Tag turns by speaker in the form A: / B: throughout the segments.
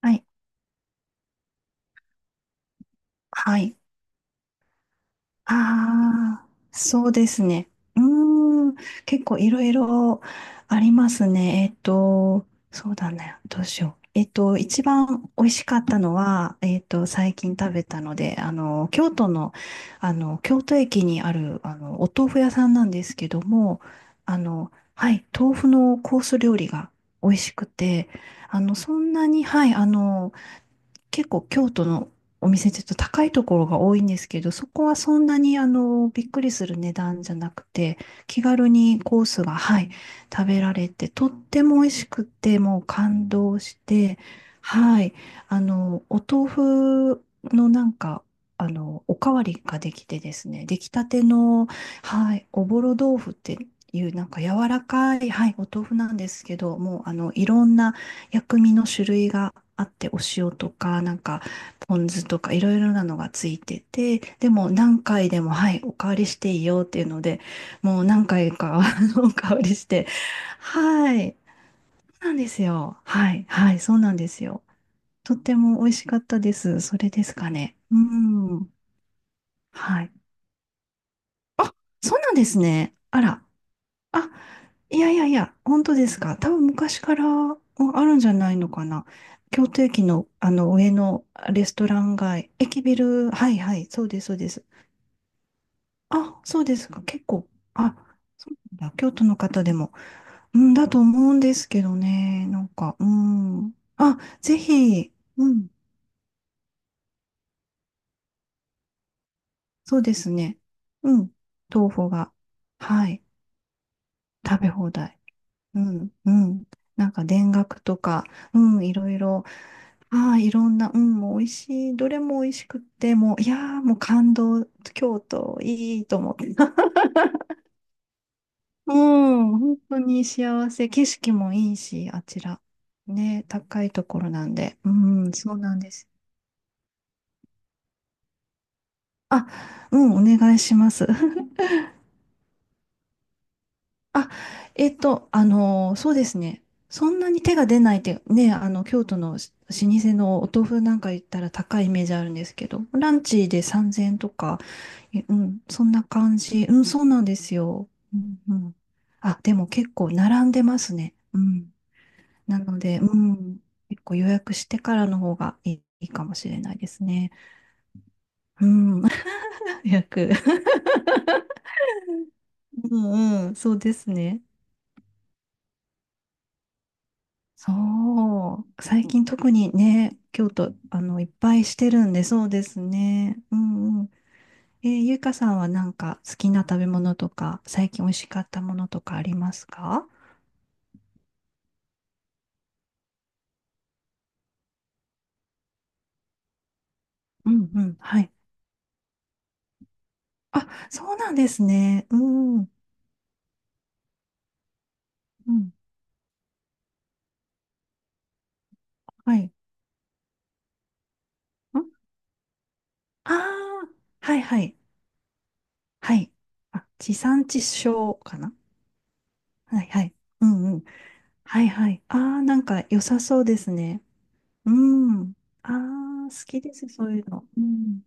A: はい。はい。ああ、そうですね。うーん。結構いろいろありますね。そうだね。どうしよう。一番美味しかったのは、最近食べたので、京都の、京都駅にある、お豆腐屋さんなんですけども、はい、豆腐のコース料理が美味しくて、そんなに、はい、結構京都のお店ってちょっと高いところが多いんですけど、そこはそんなにびっくりする値段じゃなくて、気軽にコースが、はい、食べられて、とっても美味しくて、もう感動して、はい、お豆腐のおかわりができてですね、出来たての、はい、おぼろ豆腐っていう、柔らかい、はい、お豆腐なんですけど、もういろんな、薬味の種類があって、お塩とか、ポン酢とか、いろいろなのがついてて、でも何回でも、はい、おかわりしていいよっていうので、もう何回か おかわりして、はい、そうなんですよ。はい、はい、そうなんですよ。とっても美味しかったです。それですかね。うん、はい。あ、そうなんですね。あら。あ、いやいやいや、本当ですか。多分昔からもあるんじゃないのかな。京都駅の、あの上のレストラン街、駅ビル、はいはい、そうです、そうです。あ、そうですか。結構、あ、そうなんだ。京都の方でも、うん、だと思うんですけどね。なんか、うん。あ、ぜひ、うん、そうですね。うん、豆腐が、はい、食べ放題。うん、うん。なんか田楽とか、うん、いろいろ、ああ、いろんな、うん、もう美味しい、どれも美味しくって、もう、いやー、もう感動、京都、いいと思って。うん、本当に幸せ、景色もいいし、あちら。ね、高いところなんで。うん、そうなんです。あ、うん、お願いします。あ、そうですね。そんなに手が出ないって、ね、京都の老舗のお豆腐なんか行ったら高いイメージあるんですけど、ランチで3000円とか、えうん、そんな感じ。うん、そうなんですよ。うん、うん。あ、でも結構並んでますね。うん。なので、うん、結構予約してからの方がいい、いいかもしれないですね。うん、予約。うん、うん、そうですね。そう。最近特にね、京都、いっぱいしてるんで、そうですね。うんうん。ゆいかさんはなんか好きな食べ物とか、最近美味しかったものとかありますか？うんうん。はい。あ、そうなんですね。うんうん。うん。はい。んああー、はいはい。はい。あ、地産地消かな？はいはい。うんうん。はいはい。ああ、なんか良さそうですね。うん。ああ、好きです、そういうの。うん。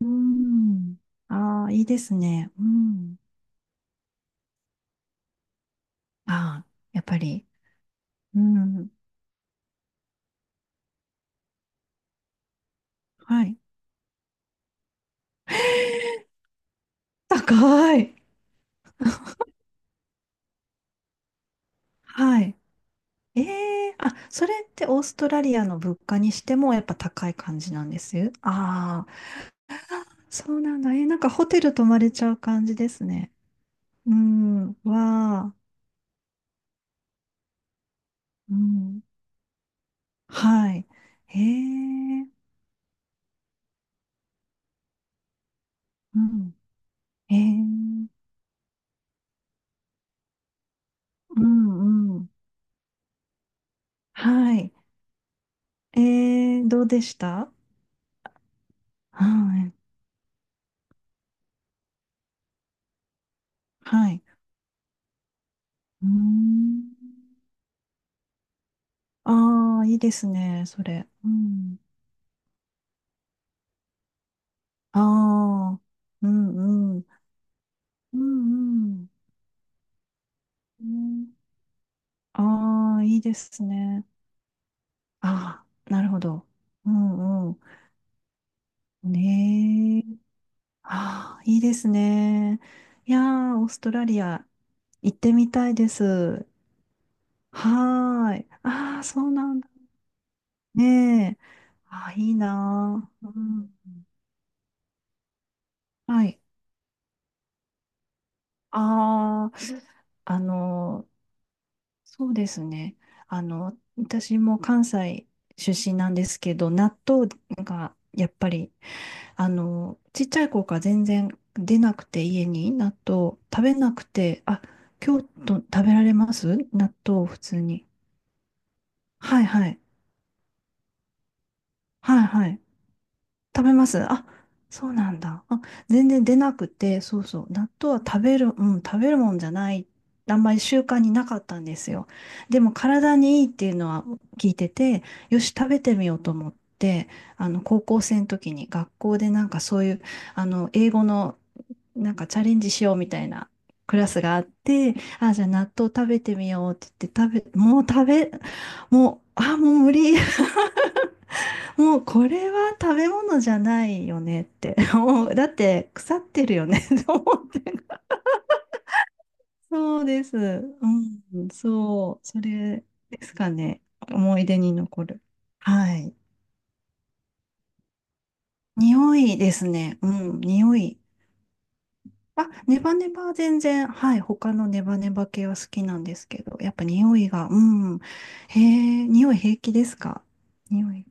A: うーん。ああ、いいですね。うん。ああ、やっぱり。うん。はい。高い。はい。ええ、あ、それってオーストラリアの物価にしてもやっぱ高い感じなんです。ああ、そうなんだ。なんかホテル泊まれちゃう感じですね。うん。わあ。うん。はい。ええ、うん。ええ、うんうん。はい。ええ、どうでした？はい。はい。うーん。ああ、いいですね、それ。うん。ああ、うんうん。うんうん。ああー、いいですね。ああ、なるほど。うんうん。ねえ。ああ、いいですね。いやー、オーストラリア行ってみたいです。はーい。ああ、そうなんだ。ねえ。ああ、いいなー。うん。はい。ああ、あのーそうですね。私も関西出身なんですけど、納豆がやっぱり、ちっちゃい頃から全然出なくて、家に納豆食べなくて、あ、京都食べられます納豆普通に？はいはい。はいはい。食べます。あ、そうなんだ。あ、全然出なくて、そうそう。納豆は食べる、うん、食べるもんじゃない。あんまり習慣になかったんですよ。でも体にいいっていうのは聞いてて、よし、食べてみようと思って、高校生の時に学校でなんかそういう、英語のなんかチャレンジしようみたいなクラスがあって、あ、じゃあ納豆食べてみようって言って食べ、もう食べ、もう、あ、もう無理。もうこれは食べ物じゃないよねって。もうだって腐ってるよね と思って。そうです。うん、そう。それですかね。思い出に残る。はい。匂いですね。うん、匂い。あ、ネバネバは全然、はい。他のネバネバ系は好きなんですけど、やっぱ匂いが、うん。へえ、匂い平気ですか？匂い。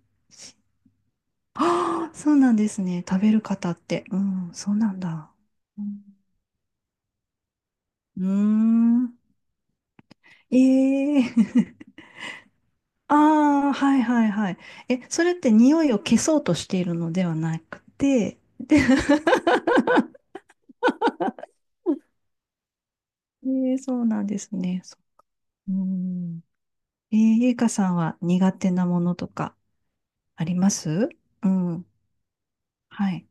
A: ああ、そうなんですね。食べる方って。うん、そうなんだ。うんうーん。ええ ああ、はいはいはい。え、それって匂いを消そうとしているのではなくて、で、ええ、そうなんですね。そう。うん。ええ、ゆいかさんは苦手なものとかあります？うん。はい。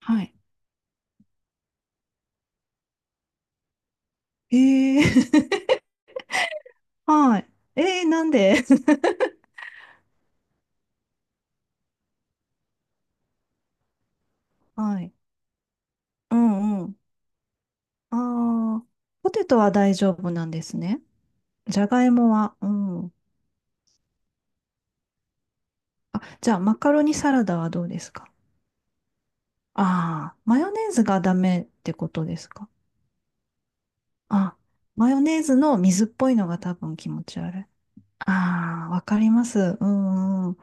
A: はい。ええ はい。ええ、なんで？ はい。うんうん。ああ、ポテトは大丈夫なんですね。じゃがいもは、うん。あ、じゃあ、マカロニサラダはどうですか？ああ、マヨネーズがダメってことですか？あ、マヨネーズの水っぽいのが多分気持ち悪い。ああ、わかります。うんうん。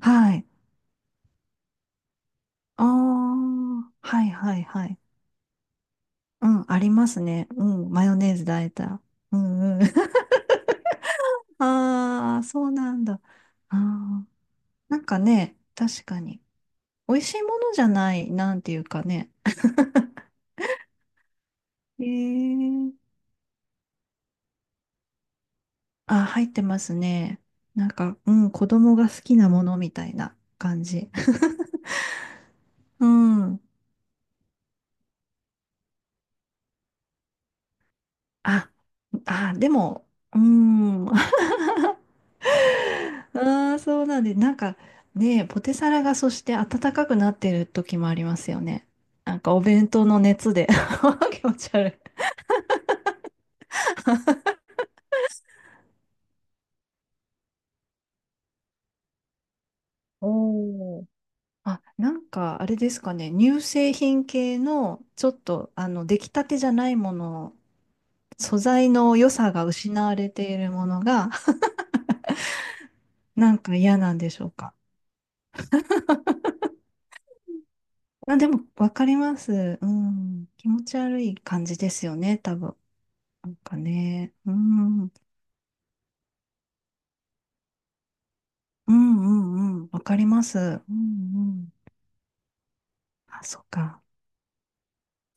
A: はい。ああ、はいはいはい。うん、ありますね。うん、マヨネーズだえた。うんうん。ああ、そうなんだ。ああ、なんかね、確かに。美味しいものじゃない、なんていうかね。ええ、あ、入ってますね。なんか、うん、子供が好きなものみたいな感じ。うん。あ、あ、でも、うん。ああ、そうなんで、なんかね、ポテサラがそして暖かくなってる時もありますよね。なんかお弁当の熱で 気持ち悪い。おーあ、なんかあれですかね、乳製品系のちょっと出来たてじゃないもの素材の良さが失われているものが、なんか嫌なんでしょうか。あ、でも、わかります。うん。気持ち悪い感じですよね、多分。なんかね。うん。うんうんうん。わかります。うんうん。あ、そっか。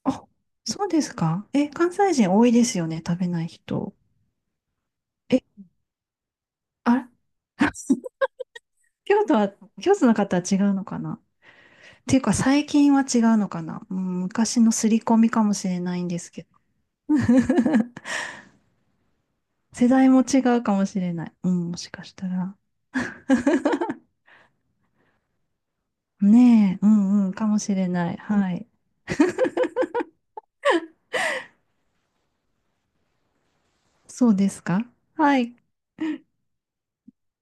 A: あ、そうですか。え、関西人多いですよね、食べない人。え、あれ 京都は、京都の方は違うのかなっていうか、最近は違うのかな、うん、昔の刷り込みかもしれないんですけど。世代も違うかもしれない。うん、もしかしたら。ねえ、うんうん、かもしれない。はい。そうですか？はい。